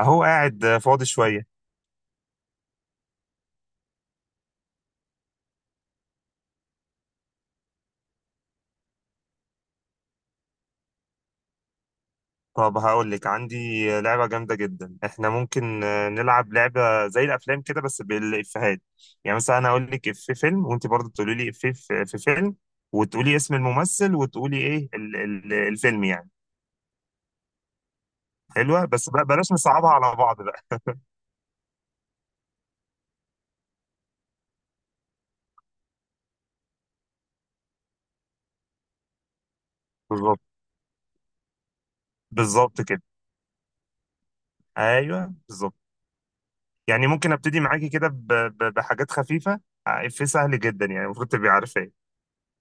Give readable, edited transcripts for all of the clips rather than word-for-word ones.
اهو قاعد فاضي شوية. طب هقول لك عندي لعبة جامدة جدا. احنا ممكن نلعب لعبة زي الافلام كده بس بالافيهات. يعني مثلا انا اقول لك في فيلم، وانت برضه تقولي لي في فيلم، وتقولي اسم الممثل، وتقولي ايه ال الفيلم يعني. حلوة، بس بقى بلاش نصعبها على بعض بقى. بالظبط. بالظبط كده. ايوه بالظبط. يعني ممكن ابتدي معاكي كده بحاجات خفيفة. افيه سهل جدا، يعني المفروض تبقي عارفاه.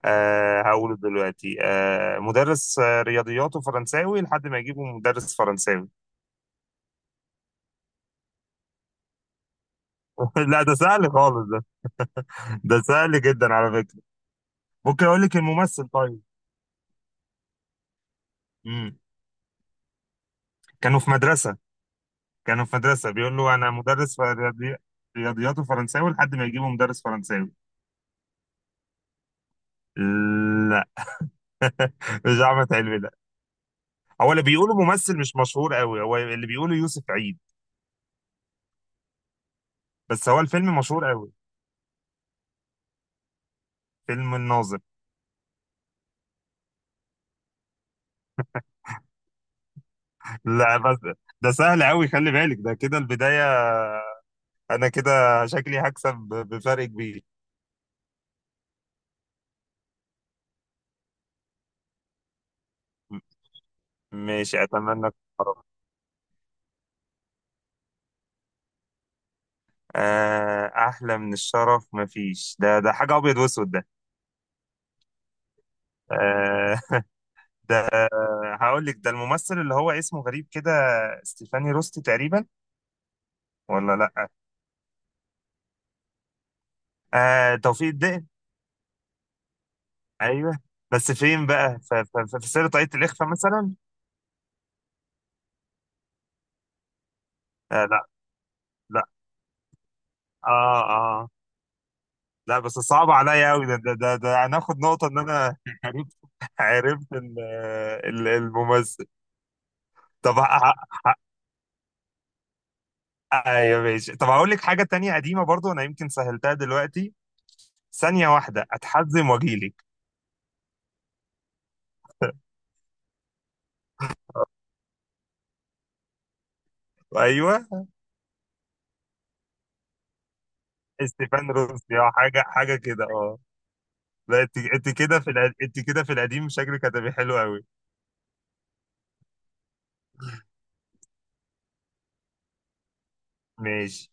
هقوله دلوقتي. مدرس، رياضياته فرنساوي لحد ما يجيبه مدرس فرنساوي. لا، ده سهل خالص ده. ده سهل جدا على فكرة. ممكن اقول لك الممثل. طيب. امم. كانوا في مدرسة. كانوا في مدرسة بيقول له انا مدرس في رياضي... رياضياته فرنساوي لحد ما يجيبه مدرس فرنساوي. لا. مش احمد حلمي ده. هو اللي بيقوله ممثل مش مشهور قوي، هو اللي بيقوله يوسف عيد. بس هو الفيلم مشهور قوي. فيلم الناظر. لا بس، ده سهل قوي، خلي بالك ده كده البداية. انا كده شكلي هكسب بفرق كبير. ماشي، اتمنى. القرار. احلى من الشرف مفيش. ده حاجه ابيض واسود ده. آه. ده. هقول لك ده الممثل اللي هو اسمه غريب كده. ستيفاني روستي تقريبا. ولا لا. آه توفيق الدقن. ايوه. بس فين بقى في سر طاقية الإخفاء مثلا. آه لا. لا. اه اه. لا بس، صعب عليا قوي ده. ده هناخد نقطة ان انا عرفت. عرفت الممثل. طب. ايوه ماشي. طب هقول لك حاجه تانية قديمه برضو، انا يمكن سهلتها دلوقتي. ثانيه واحده اتحزم واجيلك. ايوه. استيفان روسي اه، حاجه حاجه كده اه. لا انت كده في انت كده في القديم شكلك هتبقى حلو قوي. ماشي.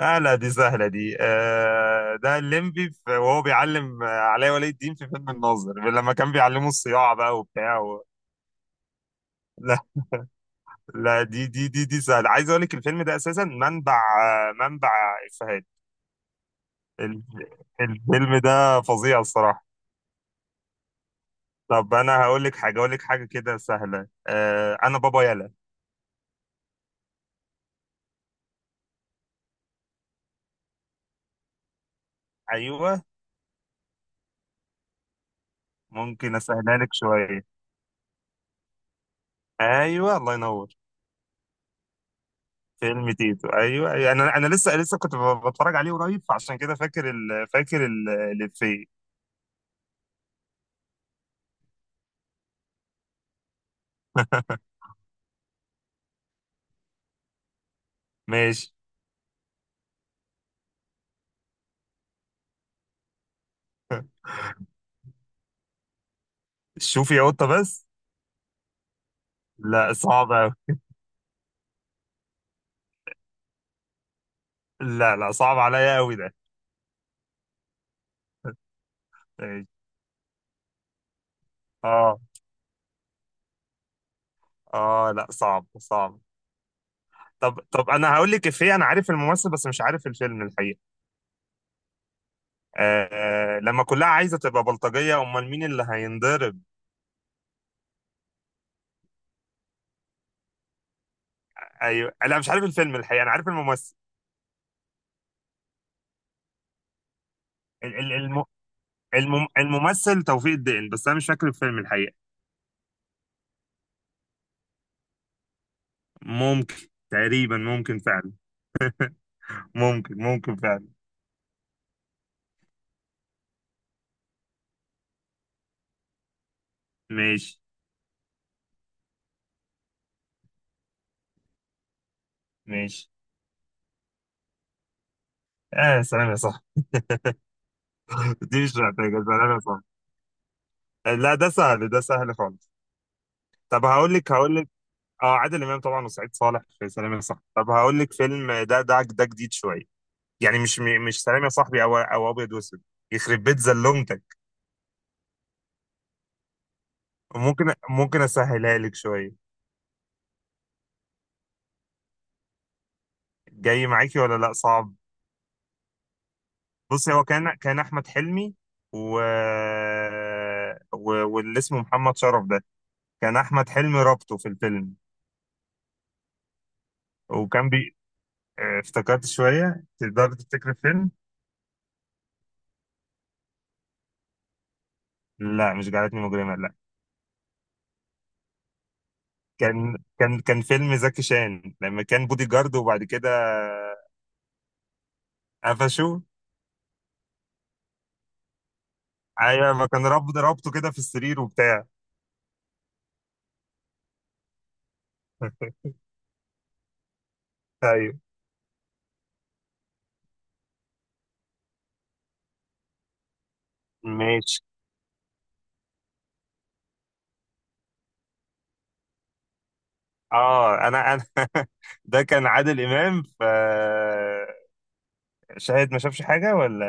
آه لا، دي سهله دي. ده الليمبي وهو بيعلم علاء ولي الدين في فيلم الناظر لما كان بيعلمه الصياعه بقى وبتاع و... لا لا، دي سهله. عايز اقول لك الفيلم ده اساسا منبع افيهات ال- الفيلم ده فظيع الصراحة. طب أنا هقول لك حاجة كده سهلة. أنا بابا يلا. أيوه. ممكن أسهلها لك شوية. أيوه الله ينور. فيلم تيتو أيوه، أيوة. أنا لسه كنت بتفرج عليه قريب، فعشان كده فاكر الإفيه. ماشي. شوفي يا قطة بس. لا صعب أوي. لا لا، صعب عليا أوي ده. ماشي. اه اه، لا صعب صعب. طب انا هقول لك افيه، انا عارف الممثل بس مش عارف الفيلم الحقيقة. لما كلها عايزه تبقى بلطجيه امال مين اللي هينضرب. ايوه. لا مش عارف الفيلم الحقيقه، انا عارف الممثل. ال- ال- الم... الممثل توفيق الدقن، بس انا مش فاكر الفيلم الحقيقه. ممكن. تقريبا ممكن فعلا. ممكن فعلا. ماشي. ماشي. اه سلام يا صاحبي. دي مش محتاجه سلام يا صاحبي. لا ده سهل، ده سهل خالص. طب هقول لك. اه عادل امام طبعا وسعيد صالح في سلام يا صاحبي. طب هقول لك فيلم ده جديد شويه. يعني مش سلام يا صاحبي، او ابيض واسود. يخرب بيت زلومتك. ممكن اسهلها لك شويه. جاي معاكي ولا لا صعب. بصي هو كان احمد حلمي. و... و... واللي اسمه محمد شرف ده، كان احمد حلمي رابطه في الفيلم. وكان بي. اه افتكرت شويه، تقدر تفتكر الفيلم. لا مش جعلتني مجرمه لا. كان فيلم زكي شان لما كان بودي جارد، وبعد كده قفشوه. ايوه ما كان رابطه كده في السرير وبتاع. ماشي. اه انا ده كان عادل امام ف. شاهد ما شافش حاجه ولا.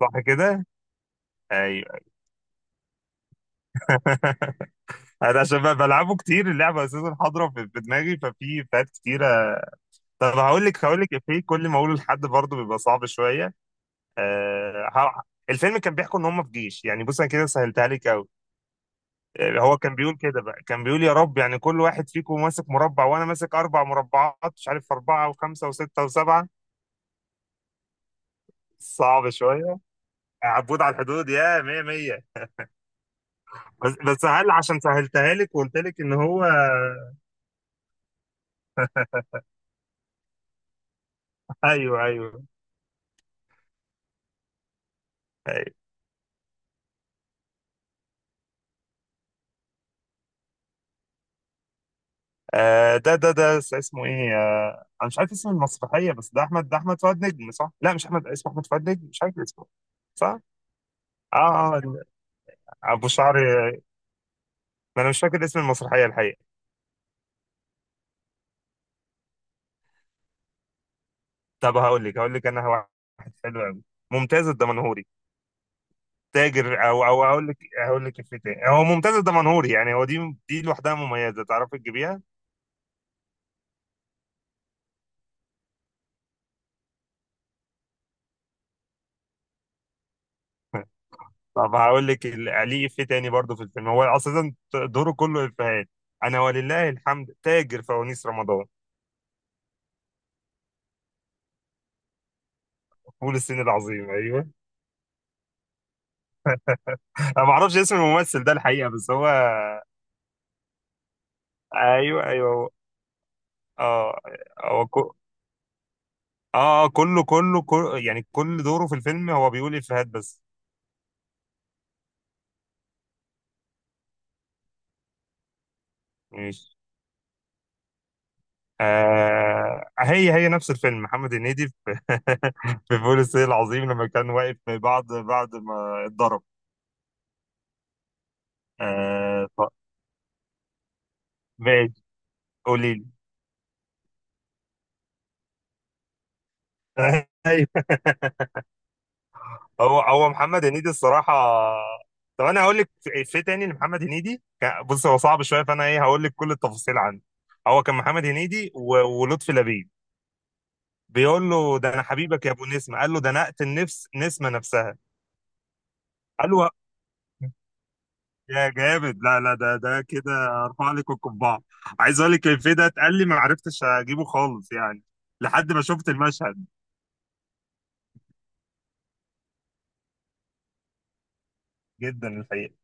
صح كده. ايوه. انا عشان بقى بلعبه كتير اللعبه اساسا حاضره في دماغي، ففي فات كتيره. طب هقول لك افيه، كل ما اقوله لحد برضه بيبقى صعب شويه. آه ه- الفيلم كان بيحكوا ان هم في جيش. يعني بص انا كده سهلتها لك قوي. هو كان بيقول يا رب، يعني كل واحد فيكم ماسك مربع وانا ماسك 4 مربعات، مش عارف 4 و5 و6 و7. صعب شويه. عبود على الحدود يا مية مية. بس هل عشان سهلتها لك وقلت لك ان هو. ايوه ايوه ايوه. ده اسمه ايه. انا مش عارف اسم المسرحيه، بس ده احمد فؤاد نجم صح؟ لا مش احمد، اسمه احمد فؤاد نجم، مش عارف اسمه. صح؟ اه اه ابو شعر. ما انا مش فاكر اسم المسرحيه الحقيقه. طب هقول لك انا واحد حلو قوي. ممتاز الدمنهوري. تاجر، او اقول لك. هقول لك إفيه تاني، هو ممتاز الدمنهوري يعني، هو دي لوحدها مميزه تعرفي تجيبيها. طب هقول لك ليه إفيه تاني برضه في الفيلم، هو أساسا دوره كله إفيهات. أنا ولله الحمد تاجر فوانيس رمضان. فول الصين العظيم أيوه. أنا ما أعرفش اسم الممثل ده الحقيقة، بس هو. أيوه أيوه أه. هو كو... أه كله يعني كل دوره في الفيلم هو بيقول إفيهات بس. ماشي. هي نفس الفيلم محمد هنيدي في. في فول الصين العظيم لما كان واقف بعد ما اتضرب. طب ماشي. قولي لي. ايوه. هو محمد هنيدي الصراحه. طب انا هقول لك. في تاني لمحمد هنيدي بص هو صعب شويه، فانا ايه هقول لك كل التفاصيل عنه. هو كان محمد هنيدي ولطفي لبيب، بيقول له ده انا حبيبك يا ابو نسمه، قال له ده انا اقتل نفس نسمه نفسها. قال له يا جامد. لا لا ده كده ارفع لك القبعه. عايز اقول لك الفيديو ده اتقال لي ما عرفتش اجيبه خالص يعني. لحد ما شفت المشهد. جدا الحقيقه.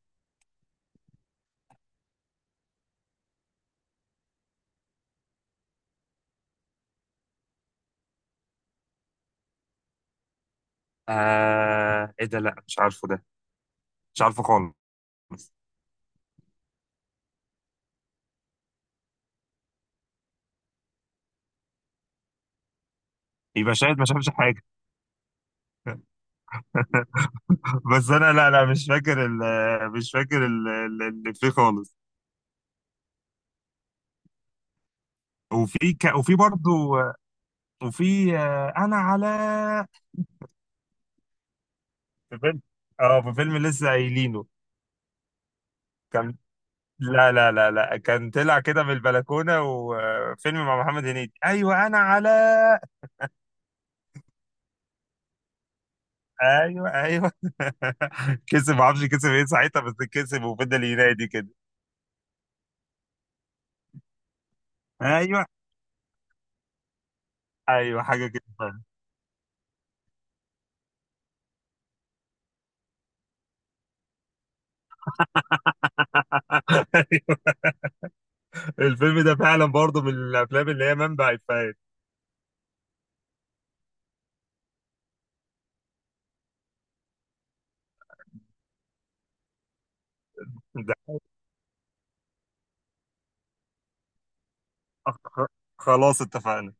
ايه ده. لا مش عارفه ده، مش عارفه خالص. يبقى شاهد ما شافش حاجة. بس انا لا لا مش فاكر اللي فيه خالص. وفي برضو. وفي انا على. في فيلم. اه في فيلم لسه قايلينه. كان. لا لا لا لا كان طلع كده من البلكونة، وفيلم مع محمد هنيدي ايوه انا على. ايوه ايوه. كسب، ما اعرفش كسب ايه ساعتها، بس كسب وفضل ينادي كده. ايوه ايوه حاجة كده. ايوه. الفيلم ده فعلا برضه من الافلام اللي هي منبع افيهات. ده. خ- خلاص اتفقنا.